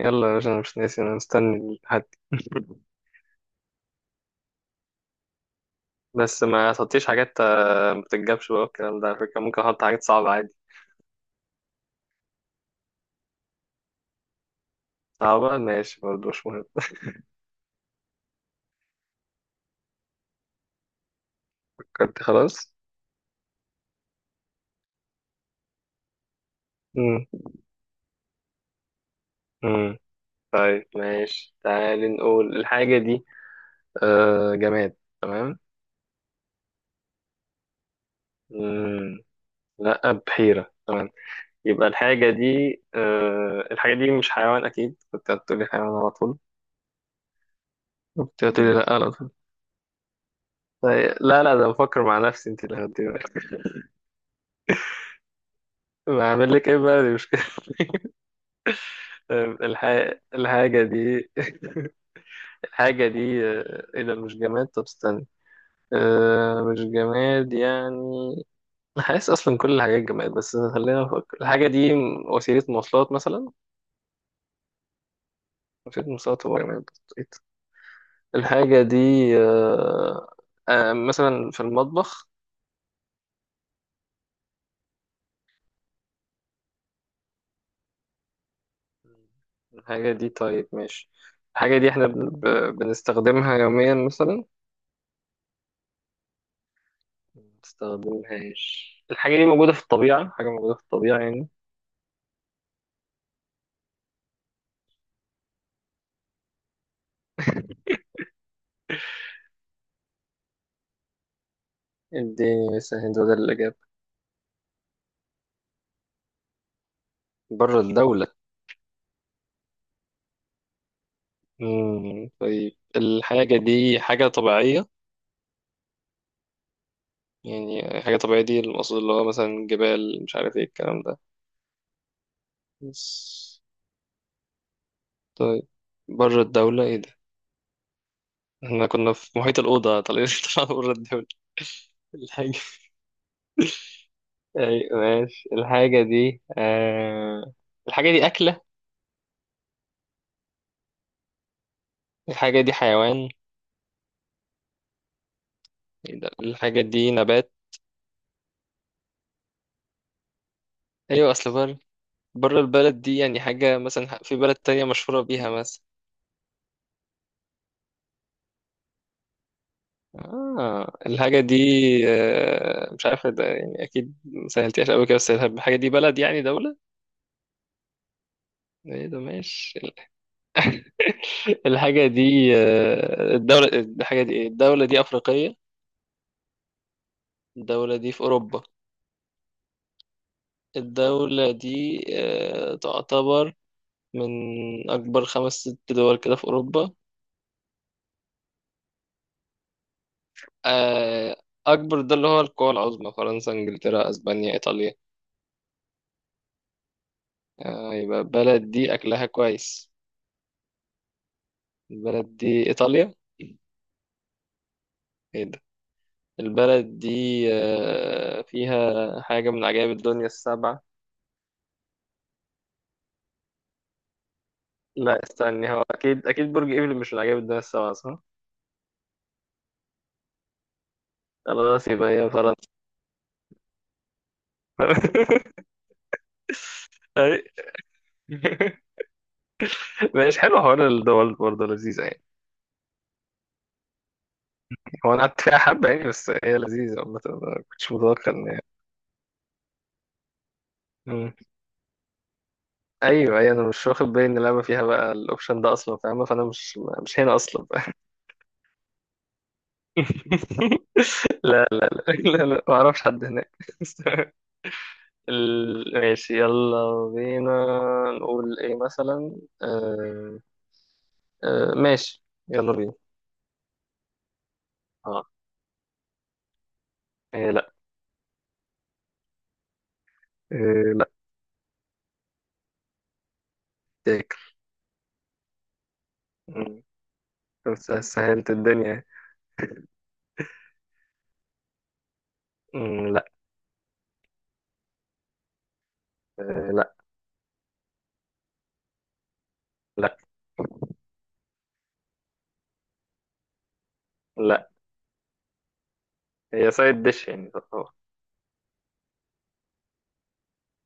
يلا يا باشا، انا مش ناسي، انا مستني الحد. بس ما تحطيش حاجات ما بتتجابش بقى الكلام ده، على فكرة ممكن احط حاجات صعبة عادي. صعبة، ماشي برضه، مش مهم. فكرت؟ خلاص. مم. مم. طيب ماشي، تعالي نقول الحاجة دي. جماد؟ تمام. مم. لا، بحيرة. تمام. يبقى الحاجة دي مش حيوان؟ أكيد كنت هتقولي حيوان على طول. كنت هتقولي لا على طول. طيب لا لا، ده بفكر مع نفسي، انت اللي هتقولي. بعمل لك ايه بقى، دي مشكلة. الح... الحاجة دي. الحاجة دي ايه ده؟ مش جماد؟ طب استنى. مش جماد يعني. أنا حاسس اصلا كل الحاجات جماد، بس خلينا نفكر. الحاجة دي وسيلة مواصلات مثلا؟ وسيلة مواصلات هو جماد. الحاجة دي آه، مثلا في المطبخ؟ الحاجة دي، طيب ماشي. الحاجة دي احنا بنستخدمها يوميا مثلا؟ ما بنستخدمهاش. الحاجة دي موجودة في الطبيعة؟ حاجة موجودة في الطبيعة يعني. اديني مثلا هند بدل الإجابة. بره الدولة؟ مم. طيب الحاجة دي حاجة طبيعية؟ يعني حاجة طبيعية، دي المقصود اللي هو مثلا جبال مش عارف ايه الكلام ده. بس طيب بره الدولة، ايه ده؟ احنا كنا في محيط الأوضة، طالعين طلعنا بره الدولة. الحاجة أيوة ماشي. الحاجة دي الحاجة دي أكلة؟ الحاجة دي حيوان؟ إيه ده؟ الحاجة دي نبات؟ أيوة، أصل بره. بره البلد دي يعني حاجة مثلا في بلد تانية مشهورة بيها مثلا؟ الحاجة دي مش عارف ده يعني، أكيد ما سهلتهاش أوي كده. بس الحاجة دي بلد يعني دولة؟ إيه ده؟ ماشي. الحاجة دي الدولة. الحاجة دي إيه؟ الدولة دي أفريقية؟ الدولة دي في أوروبا؟ الدولة دي تعتبر من أكبر خمس ست دول كده في أوروبا؟ آه أكبر ده اللي هو القوى العظمى، فرنسا، إنجلترا، أسبانيا، إيطاليا. يبقى البلد دي أكلها كويس. البلد دي إيطاليا؟ إيه ده؟ البلد دي فيها حاجة من عجائب الدنيا السبعة؟ لا استني، هو أكيد أكيد برج إيفل مش من عجائب الدنيا السبعة صح؟ خلاص يبقى هي فرنسا. أي. مش حلو حوار الدول، برضه لذيذة يعني. هو أنا قعدت فيها حبة يعني، بس هي لذيذة عامة، ما كنتش متوقع إن هي. مم. أيوه أيوه، أنا مش واخد بالي إن اللعبة فيها بقى الأوبشن ده أصلا فاهمة، فأنا مش هنا أصلا. لا لا لا لا لا، ما أعرفش حد هناك. ماشي يلا بينا. نقول ايه مثلا؟ ماشي يلا بينا. اه. إيه، لا. إيه، لا. تاكل. مم. طب سهلت الدنيا. مم، لا. إيه. لا. لا. لا هي سايد ديش يعني تعتبر.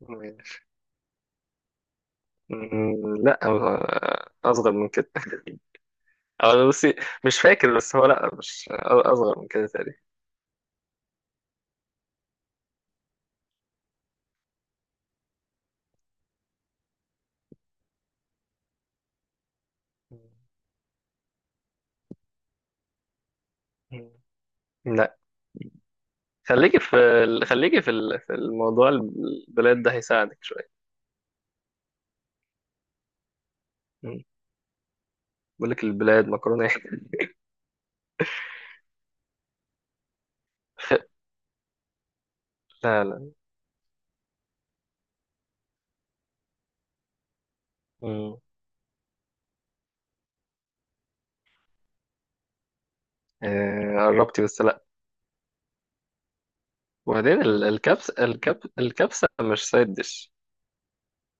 ماشي. مم، لا، اصغر من كده. أو بصي، مش فاكر، بس هو لا مش اصغر من كده تقريبا. مم. لا. في الموضوع البلاد ده هيساعدك شوية. بقول لك البلاد مكرونه. لا لا. مم. قربتي بس لا. وبعدين الكبسه مش سايد ديش.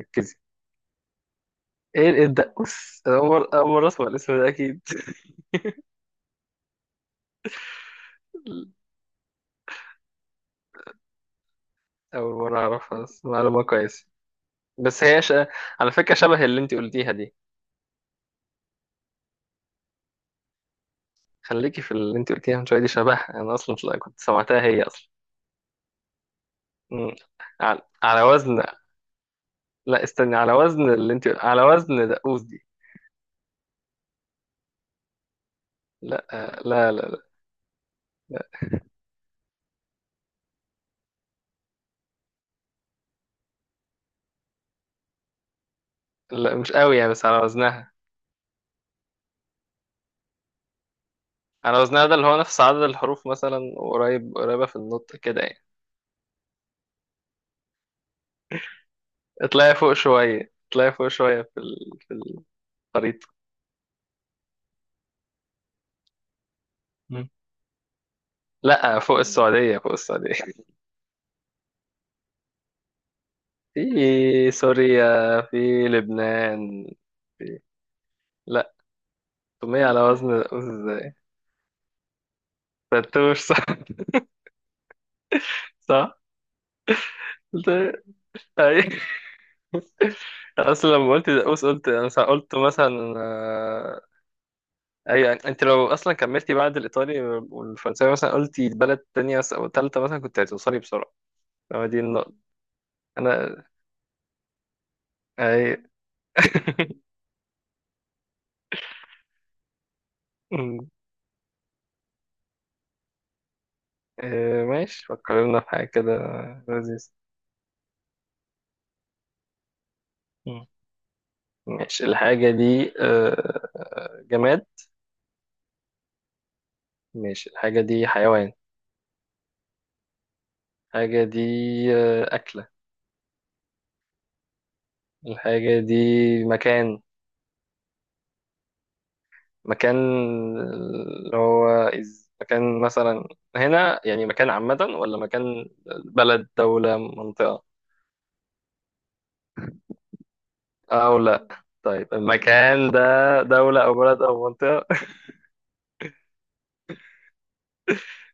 ركزي. ايه الدقوس، أنا اول اول مره اسمع الاسم ده اكيد. اول مره اعرفها، بس معلومه كويسه. بس هي على فكره شبه اللي انت قلتيها دي. خليكي في اللي انت قلتيها من شويه دي، شبهها انا اصلا مش كنت سمعتها هي اصلا. مم. على وزن. لا استني، على وزن اللي انت، على وزن دقوس دي. لا، لا لا لا، لا مش قوي يعني، بس على وزنها. انا وزنها ده اللي هو نفس عدد الحروف مثلا، قريب قريبة في النطق كده يعني. اطلعي فوق شوية، اطلعي فوق شوية، في الخريطة. مم. لا، فوق السعودية، فوق السعودية. في سوريا، في لبنان. في... لا. تومية على وزن ازاي؟ تتوش، صح. صح. قلت إيه؟ أي. أنا اصلا لما قلت دقوس، قلت مثلا. اي، يعني انت لو اصلا كملتي بعد الايطالي والفرنساوي مثلا، قلتي بلد تانية او تالتة مثلا، كنت هتوصلي بسرعة. هو دي النقطة. أنا أي... أمم. ماشي فكر لنا في حاجة كده لذيذة. مم. ماشي الحاجة دي جماد؟ ماشي الحاجة دي حيوان؟ الحاجة دي أكلة؟ الحاجة دي مكان؟ مكان؟ اللي هو مكان مثلا هنا يعني مكان عامة ولا مكان بلد دولة منطقة؟ أو لا. طيب المكان ده دولة أو بلد أو منطقة؟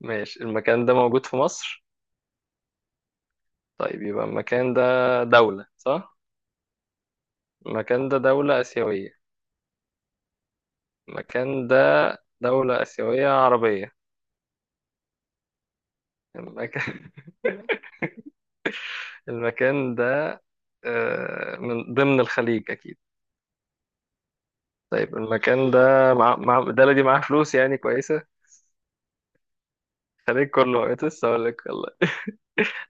ماشي. المكان ده موجود في مصر؟ طيب يبقى المكان ده دولة، صح؟ المكان ده دولة آسيوية؟ المكان ده دولة آسيوية عربية؟ المكان المكان ده من ضمن الخليج أكيد. طيب المكان ده الدولة دي معاها فلوس يعني كويسة. الخليج كله؟ بقيت لسه أقول لك والله.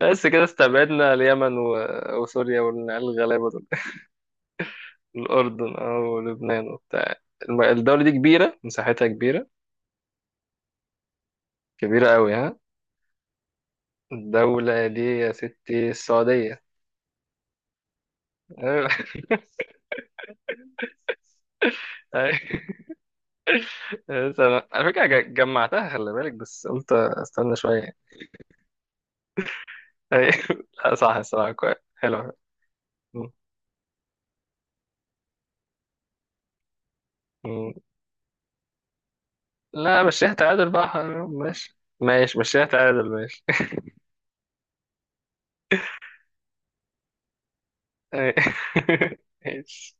بس كده استبعدنا اليمن وسوريا والعيال الغلابة دول. الأردن أو لبنان وبتاع. الدولة دي كبيرة، مساحتها كبيرة. كبيرة أوي؟ ها. الدولة دي يا ستي السعودية. ايوه. أيوة. تمام. على فكرة جمعتها، خلي بالك، بس قلت استنى شوية. أيوة. لا، صح. الصراحة كويس حلو. م- م. لا، مشيها تعادل بقى، ماشي ماشي مشيها تعادل. ماشي. أيوة. ماشي